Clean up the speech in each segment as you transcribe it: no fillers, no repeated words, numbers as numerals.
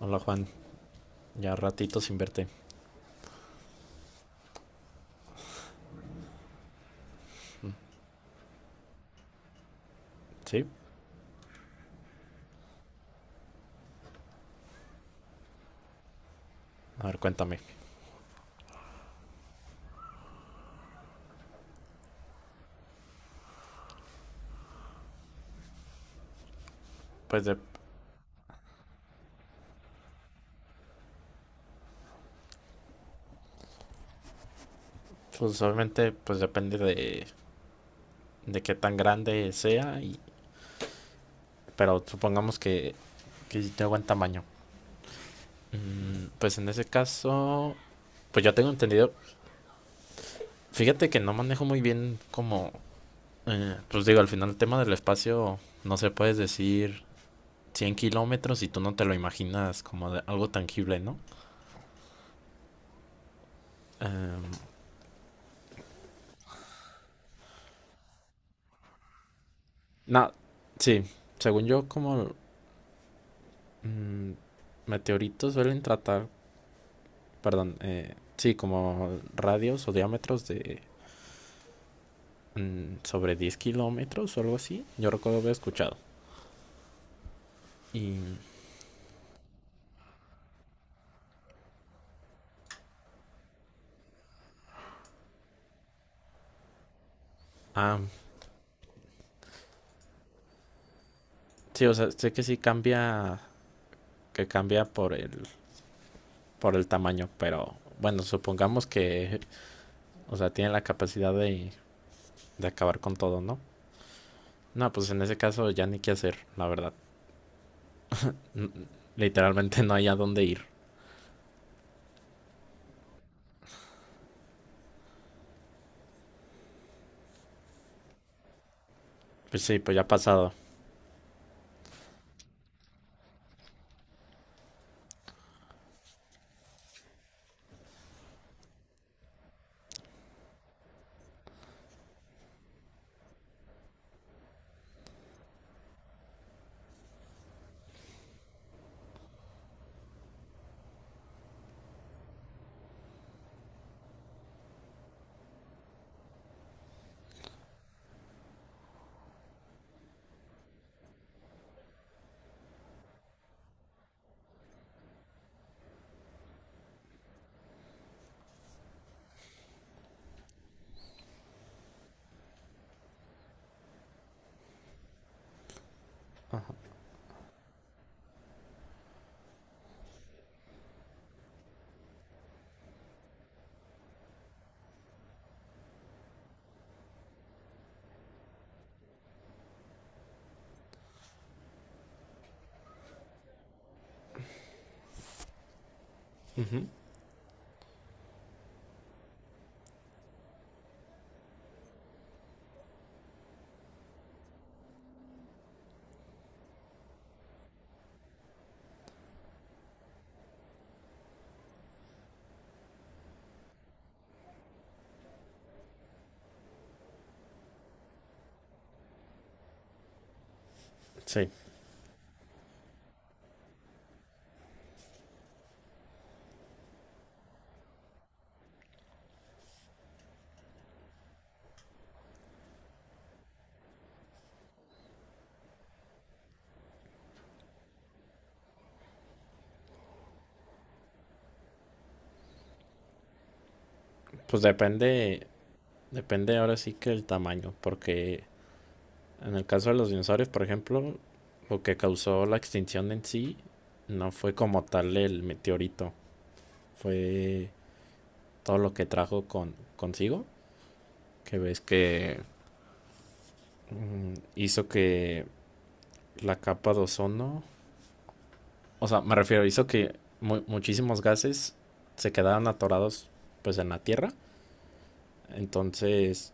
Hola Juan, ya ratito sin verte. ¿Sí? A ver, cuéntame. Pues, de- pues obviamente pues depende de qué tan grande sea, y, pero supongamos que sí tengo buen tamaño. Pues en ese caso, pues yo tengo entendido, fíjate que no manejo muy bien como, pues digo, al final el tema del espacio, no se puedes decir 100 kilómetros y tú no te lo imaginas como de algo tangible, ¿no? Em, no, sí, según yo como Mm, meteoritos suelen tratar, perdón, sí, como radios o diámetros de sobre 10 kilómetros o algo así. Yo recuerdo haber escuchado. Y, ah, sí, o sea, sé que sí cambia, que cambia por el tamaño, pero bueno, supongamos que, o sea, tiene la capacidad de acabar con todo, ¿no? No, pues en ese caso ya ni qué hacer, la verdad. N- Literalmente no hay a dónde ir. Pues sí, pues ya ha pasado. Sí, pues depende. Depende ahora sí que el tamaño, porque en el caso de los dinosaurios, por ejemplo, lo que causó la extinción en sí no fue como tal el meteorito, fue todo lo que trajo consigo, que ves que hizo que la capa de ozono, o sea, me refiero, hizo que muchísimos gases se quedaran atorados pues en la Tierra. Entonces,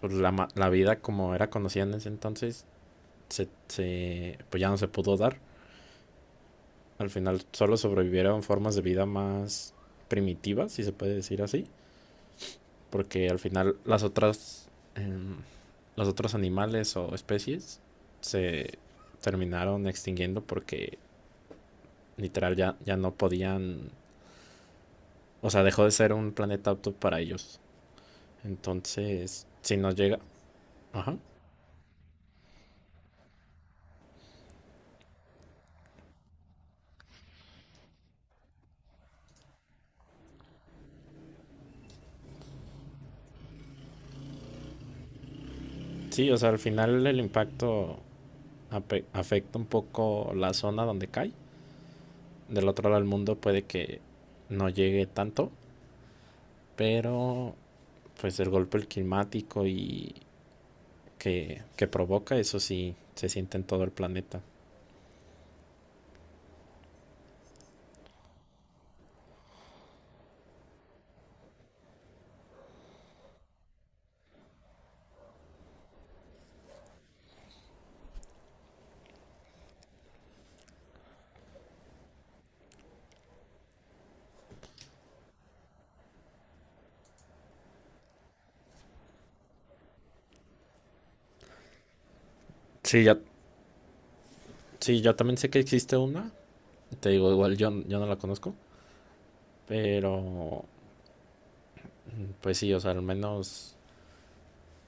pues la vida como era conocida en ese entonces, pues ya no se pudo dar. Al final solo sobrevivieron formas de vida más primitivas, si se puede decir así, porque al final las otras, los otros animales o especies se terminaron extinguiendo porque literal ya no podían, o sea, dejó de ser un planeta apto para ellos. Entonces, si nos llega, ajá. Sí, o sea, al final el impacto afecta un poco la zona donde cae. Del otro lado del mundo puede que no llegue tanto, pero pues el golpe climático y que provoca, eso sí se siente en todo el planeta. Sí, ya. Sí, yo también sé que existe una, te digo, igual yo no la conozco, pero pues sí, o sea, al menos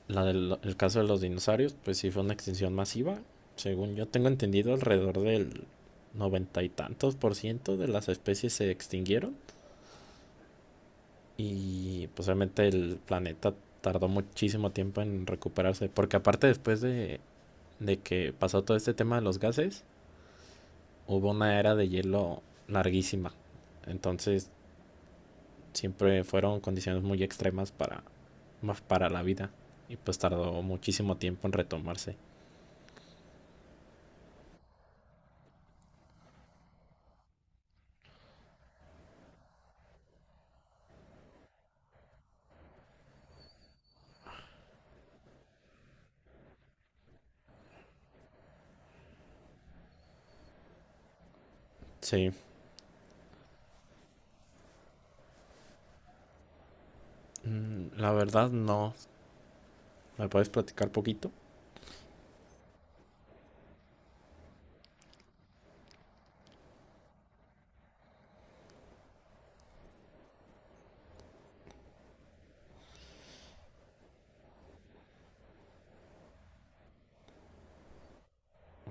la del el caso de los dinosaurios, pues sí fue una extinción masiva. Según yo tengo entendido, alrededor del 90 y tantos por ciento de las especies se extinguieron. Y pues obviamente el planeta tardó muchísimo tiempo en recuperarse, porque aparte después de que pasó todo este tema de los gases, hubo una era de hielo larguísima. Entonces siempre fueron condiciones muy extremas para, más para la vida. Y pues tardó muchísimo tiempo en retomarse. Sí. Mm, la verdad no. ¿Me puedes platicar poquito?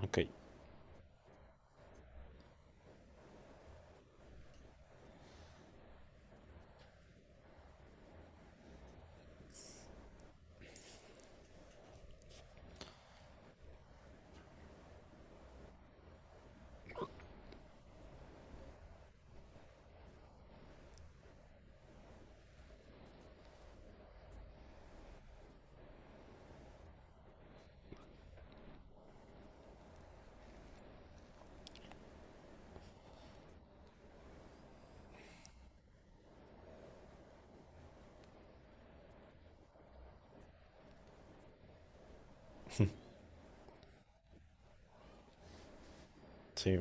Ok, sí,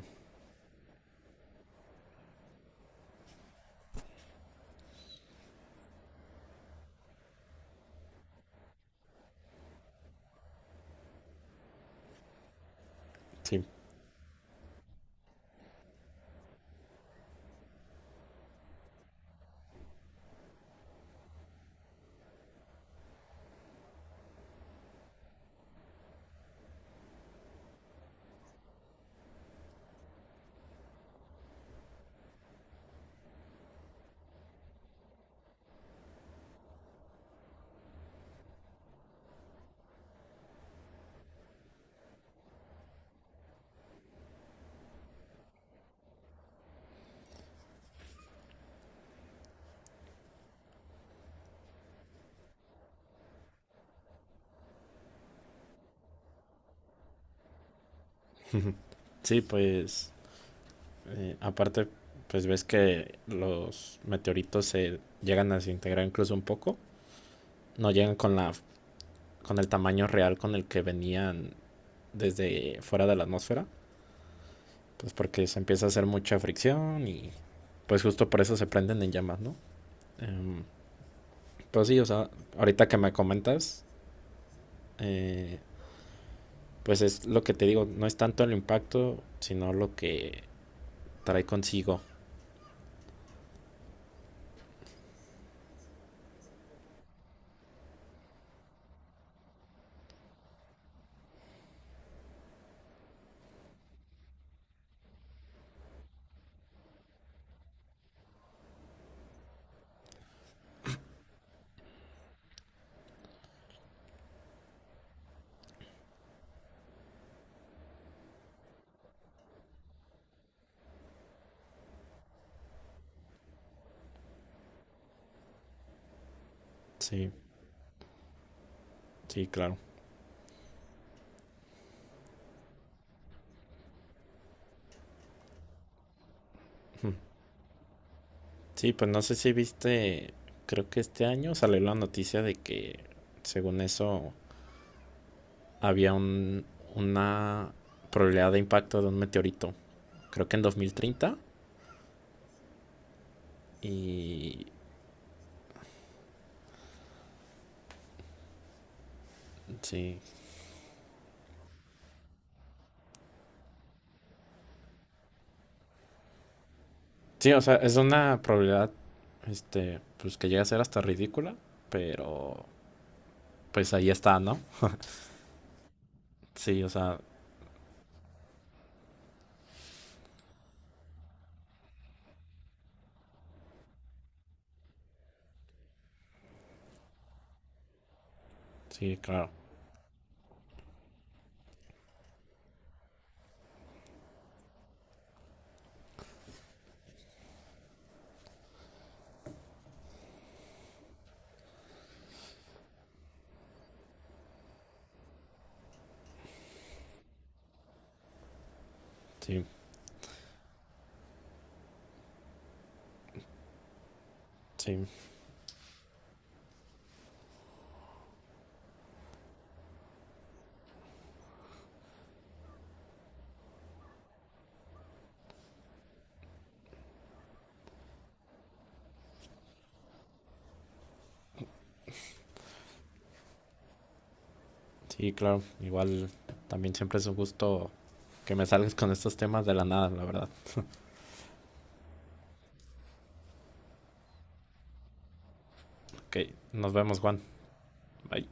sí. Sí, pues eh, aparte, pues ves que los meteoritos se llegan a desintegrar incluso un poco. No llegan con la con el tamaño real con el que venían desde fuera de la atmósfera. Pues porque se empieza a hacer mucha fricción y pues justo por eso se prenden en llamas, ¿no? Eh, pues sí, o sea, ahorita que me comentas, eh, pues es lo que te digo, no es tanto el impacto, sino lo que trae consigo. Sí, sí, claro. Sí, pues no sé si viste, creo que este año salió la noticia de que, según eso, había un, una probabilidad de impacto de un meteorito. Creo que en 2030. Y sí. Sí, o sea, es una probabilidad, este, pues que llega a ser hasta ridícula, pero pues ahí está, ¿no? Sí, o sea, sí, claro. Sí, sí, sí, claro. Igual también siempre es un gusto que me salgas con estos temas de la nada, la verdad. Ok, nos vemos, Juan. Bye.